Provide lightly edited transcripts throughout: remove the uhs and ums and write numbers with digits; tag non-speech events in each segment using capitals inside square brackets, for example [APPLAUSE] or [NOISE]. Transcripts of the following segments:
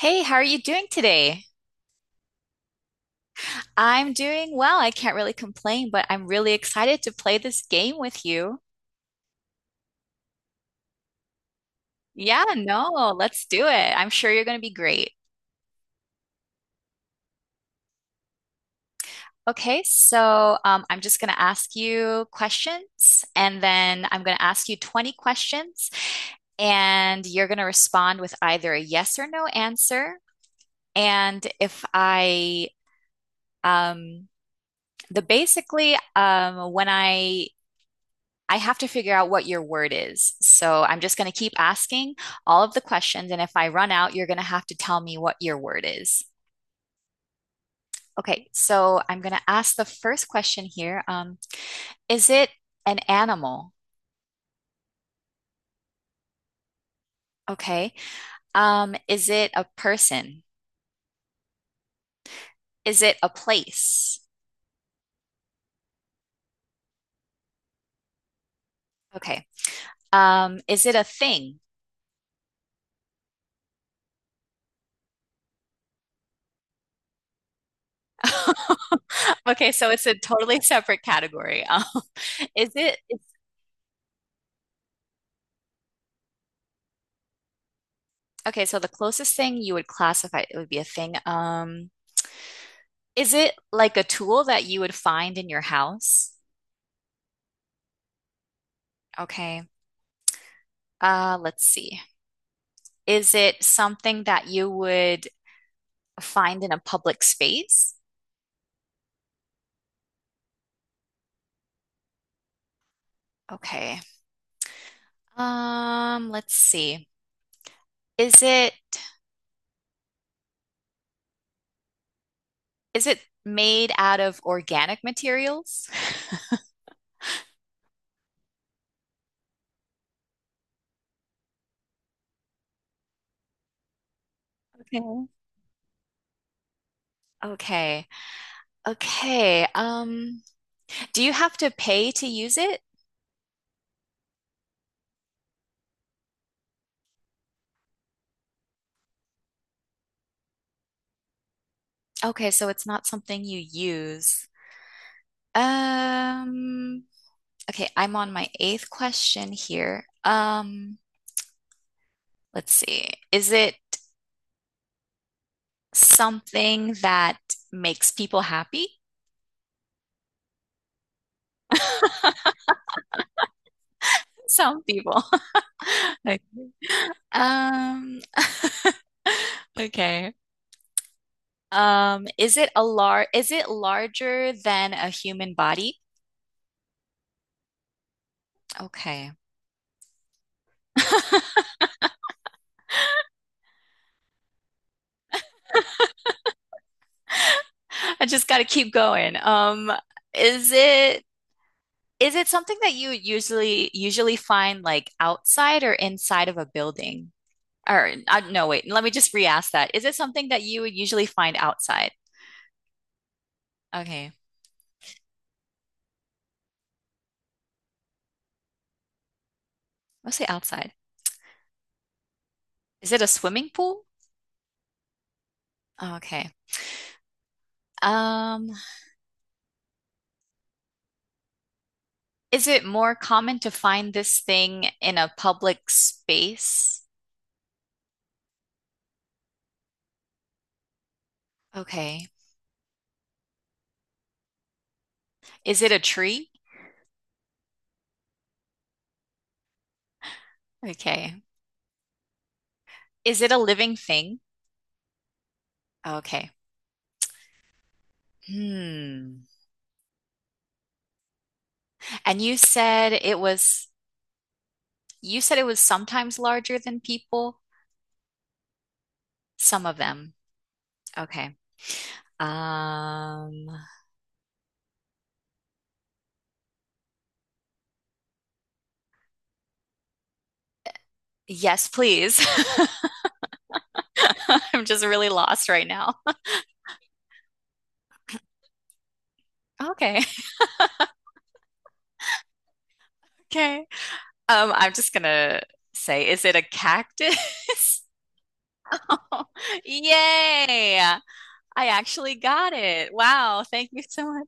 Hey, how are you doing today? I'm doing well. I can't really complain, but I'm really excited to play this game with you. Yeah, no, let's do it. I'm sure you're going to be great. Okay, so I'm just going to ask you questions, and then I'm going to ask you 20 questions, and you're going to respond with either a yes or no answer. And if I, um, the basically, when I have to figure out what your word is. So I'm just going to keep asking all of the questions. And if I run out, you're going to have to tell me what your word is. Okay, so I'm going to ask the first question here. Is it an animal? Okay. Is it a person? Is it a place? Okay. Is it a thing? [LAUGHS] Okay, so it's a totally separate category. [LAUGHS] Is it, okay, so the closest thing you would classify it would be a thing. Is it like a tool that you would find in your house? Okay. Let's see. Is it something that you would find in a public space? Okay. Let's see. Is it is it made out of organic materials? [LAUGHS] Okay. Okay. Okay. Do you have to pay to use it? Okay, so it's not something you use. Um, Okay, I'm on my eighth question here. Let's see. Is it something that makes people happy? [LAUGHS] Some people. [LAUGHS] Okay. Um, [LAUGHS] okay. Um, is it larger than a human body? Okay. [LAUGHS] I just gotta keep going. Is it is it something that you usually find like outside or inside of a building? Or no, wait. Let me just re-ask that. Is it something that you would usually find outside? Okay, let's say outside. Is it a swimming pool? Oh, okay. Um, is it more common to find this thing in a public space? Okay. Is it a tree? Okay. Is it a living thing? Okay. Hmm. And you said it was you said it was sometimes larger than people, some of them. Okay. Um, Yes, please. [LAUGHS] I'm just really lost right now. Okay. [LAUGHS] Okay. I'm just gonna say, is it a cactus? [LAUGHS] Yay! I actually got it. Wow, thank you so much.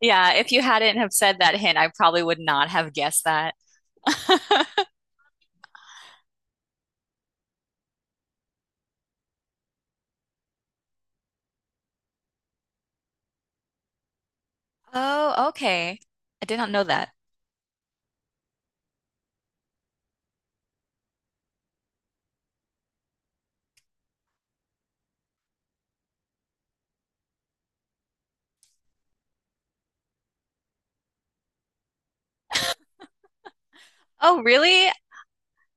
Yeah, if you hadn't have said that hint, I probably would not have guessed that. [LAUGHS] Oh, okay. I did not know that. Oh, really?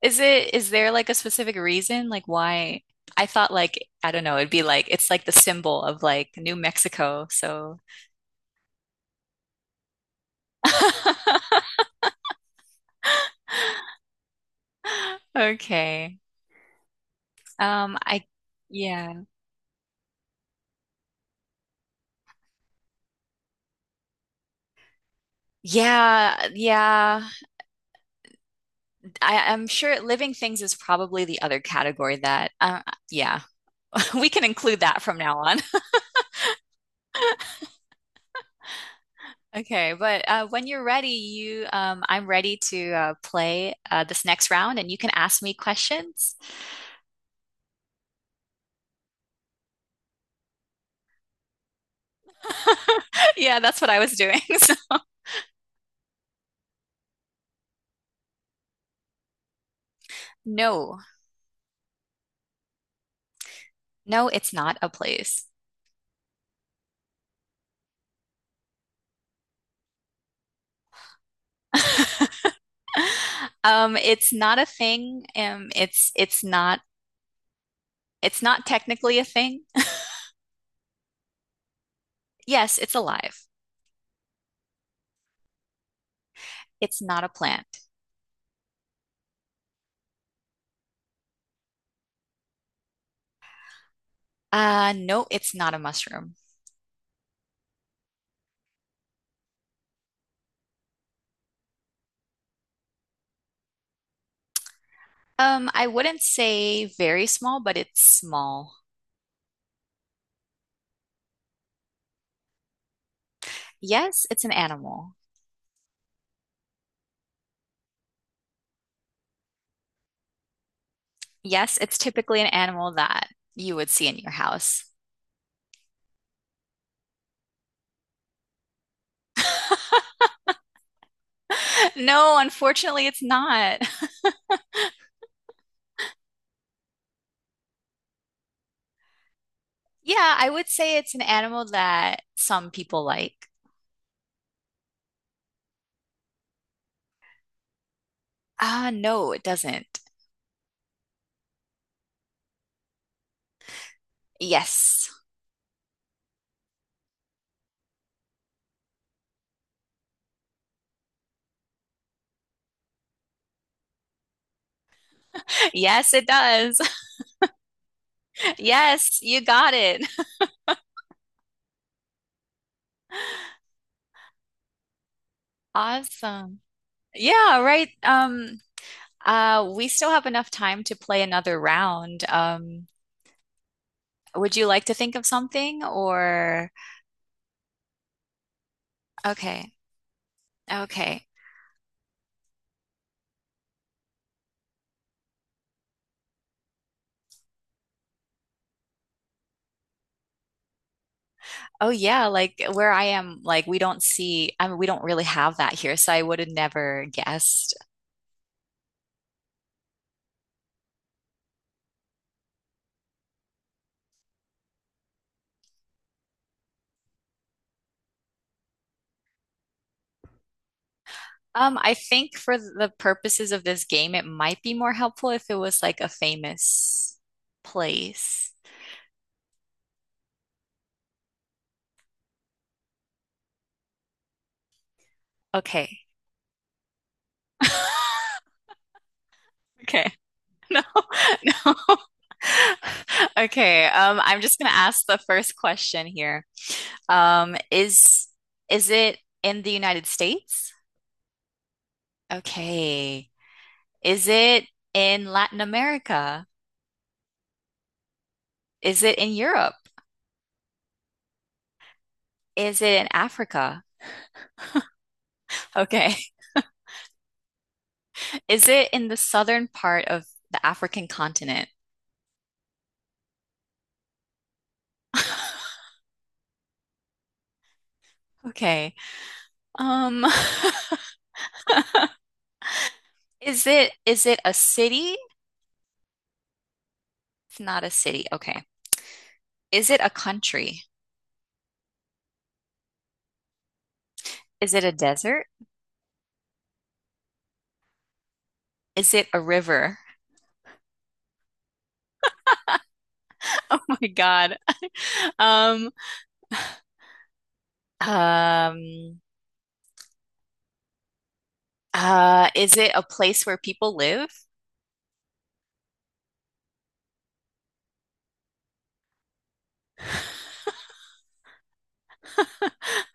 Is it, is there like a specific reason? Like why? I thought like, I don't know, it'd be like, it's like the symbol of like New Mexico. So [LAUGHS] Okay. Um, I, yeah. Yeah, yeah. I'm sure living things is probably the other category that, yeah, [LAUGHS] we can include that from now on. [LAUGHS] Okay, but when you're ready, I'm ready to play this next round and you can ask me questions. [LAUGHS] Yeah, that's what I was doing. [LAUGHS] So- No, no, it's not a place. [LAUGHS] It's not a thing. Um, it's not technically a thing. Yes, it's alive. It's not a plant. No, it's not a mushroom. I wouldn't say very small, but it's small. Yes, it's an animal. Yes, it's typically an animal that you would see in your house. [LAUGHS] No, unfortunately, it's not. [LAUGHS] Yeah, I would say it's an animal that some people like. Ah, no, it doesn't. Yes. [LAUGHS] Yes, it does. [LAUGHS] Yes, you got it. [LAUGHS] Awesome. Yeah, right. We still have enough time to play another round. Would you like to think of something or okay, okay. Oh yeah, like where I am, like we don't see, I mean, we don't really have that here, so I would have never guessed. I think for the purposes of this game, it might be more helpful if it was like a famous place. Okay. [LAUGHS] Okay. [LAUGHS] No, no. [LAUGHS] Okay, I'm just gonna ask the first question here. Um, is is it in the United States? Okay. Is it in Latin America? Is it in Europe? Is it in Africa? Okay. [LAUGHS] Is it in the southern part of the African continent? [LAUGHS] Okay. Um, [LAUGHS] is it a city? It's not a city. Okay. Is it a country? Is it a desert? Is it a river? [LAUGHS] Oh my God. Um, um, is it a place where people live?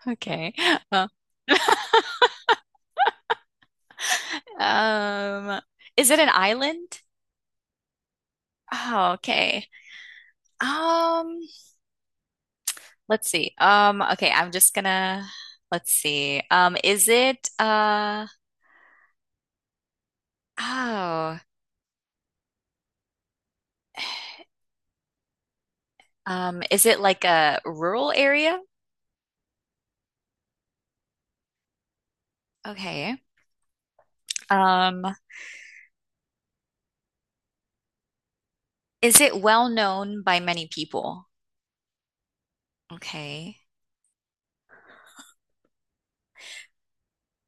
Okay. Uh, [LAUGHS] um, is it an island? Oh, okay. Um, let's see. Okay, I'm just gonna let's see. Is it uh oh, Is it like a rural area? Okay. Um, is it well known by many people? Okay.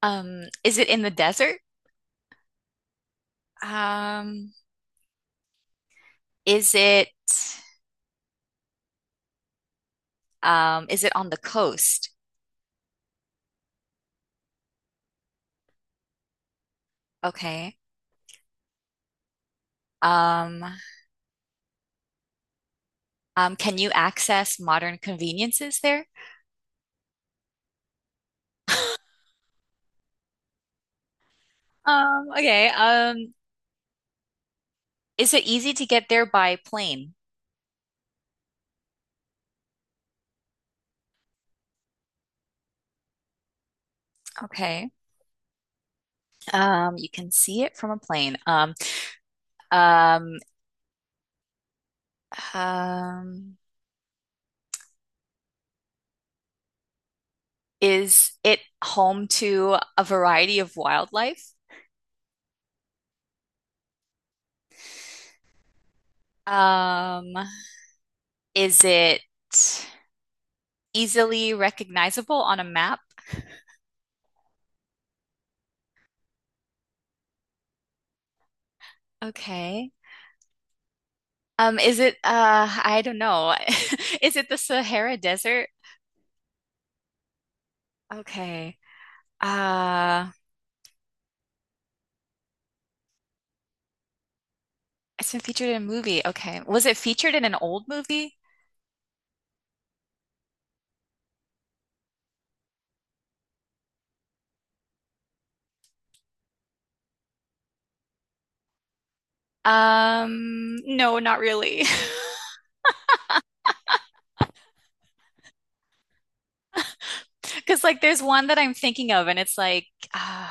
Is it in the desert? Um, is it is it on the coast? Okay. Um, can you access modern conveniences there? [LAUGHS] Okay. Is it easy to get there by plane? Okay. You can see it from a plane. Um, um, is it home to a variety of wildlife? Um, is it easily recognizable on a map? Okay. Is it I don't know. [LAUGHS] Is it the Sahara Desert? Okay. Uh it's been featured in a movie. Okay. Was it featured in an old movie? No, not really. [LAUGHS] Because like there's one that I'm thinking of and it's like uh,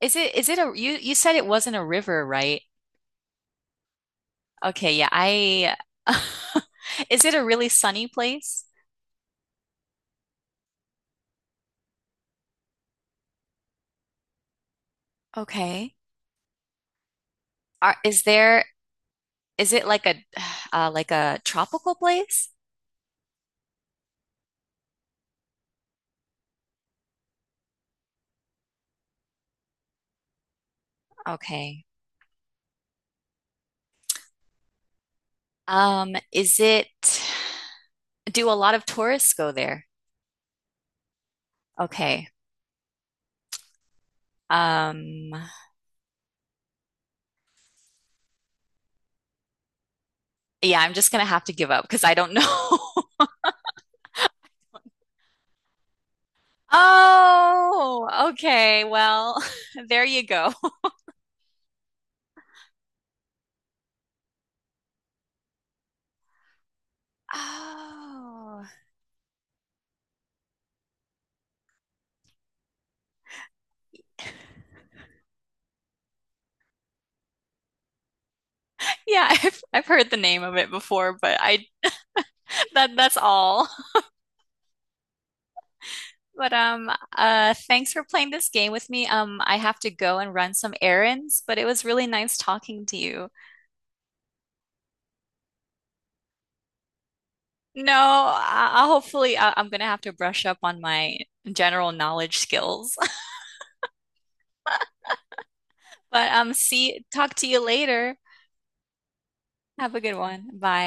is it a you said it wasn't a river, right? Okay, yeah. I [LAUGHS] Is it a really sunny place? Okay. Are, is there Is it like a [SIGHS] like a tropical place? Okay. Is it do a lot of tourists go there? Okay. Um, yeah, I'm just gonna have to give up because I don't know. [LAUGHS] Oh, okay. Well, [LAUGHS] there you go. Oh, yeah, [LAUGHS] I've heard the name of it before, but I that that's all. But thanks for playing this game with me. I have to go and run some errands, but it was really nice talking to you. No, I- Hopefully I'm gonna have to brush up on my general knowledge skills. [LAUGHS] But see, talk to you later. Have a good one. Bye.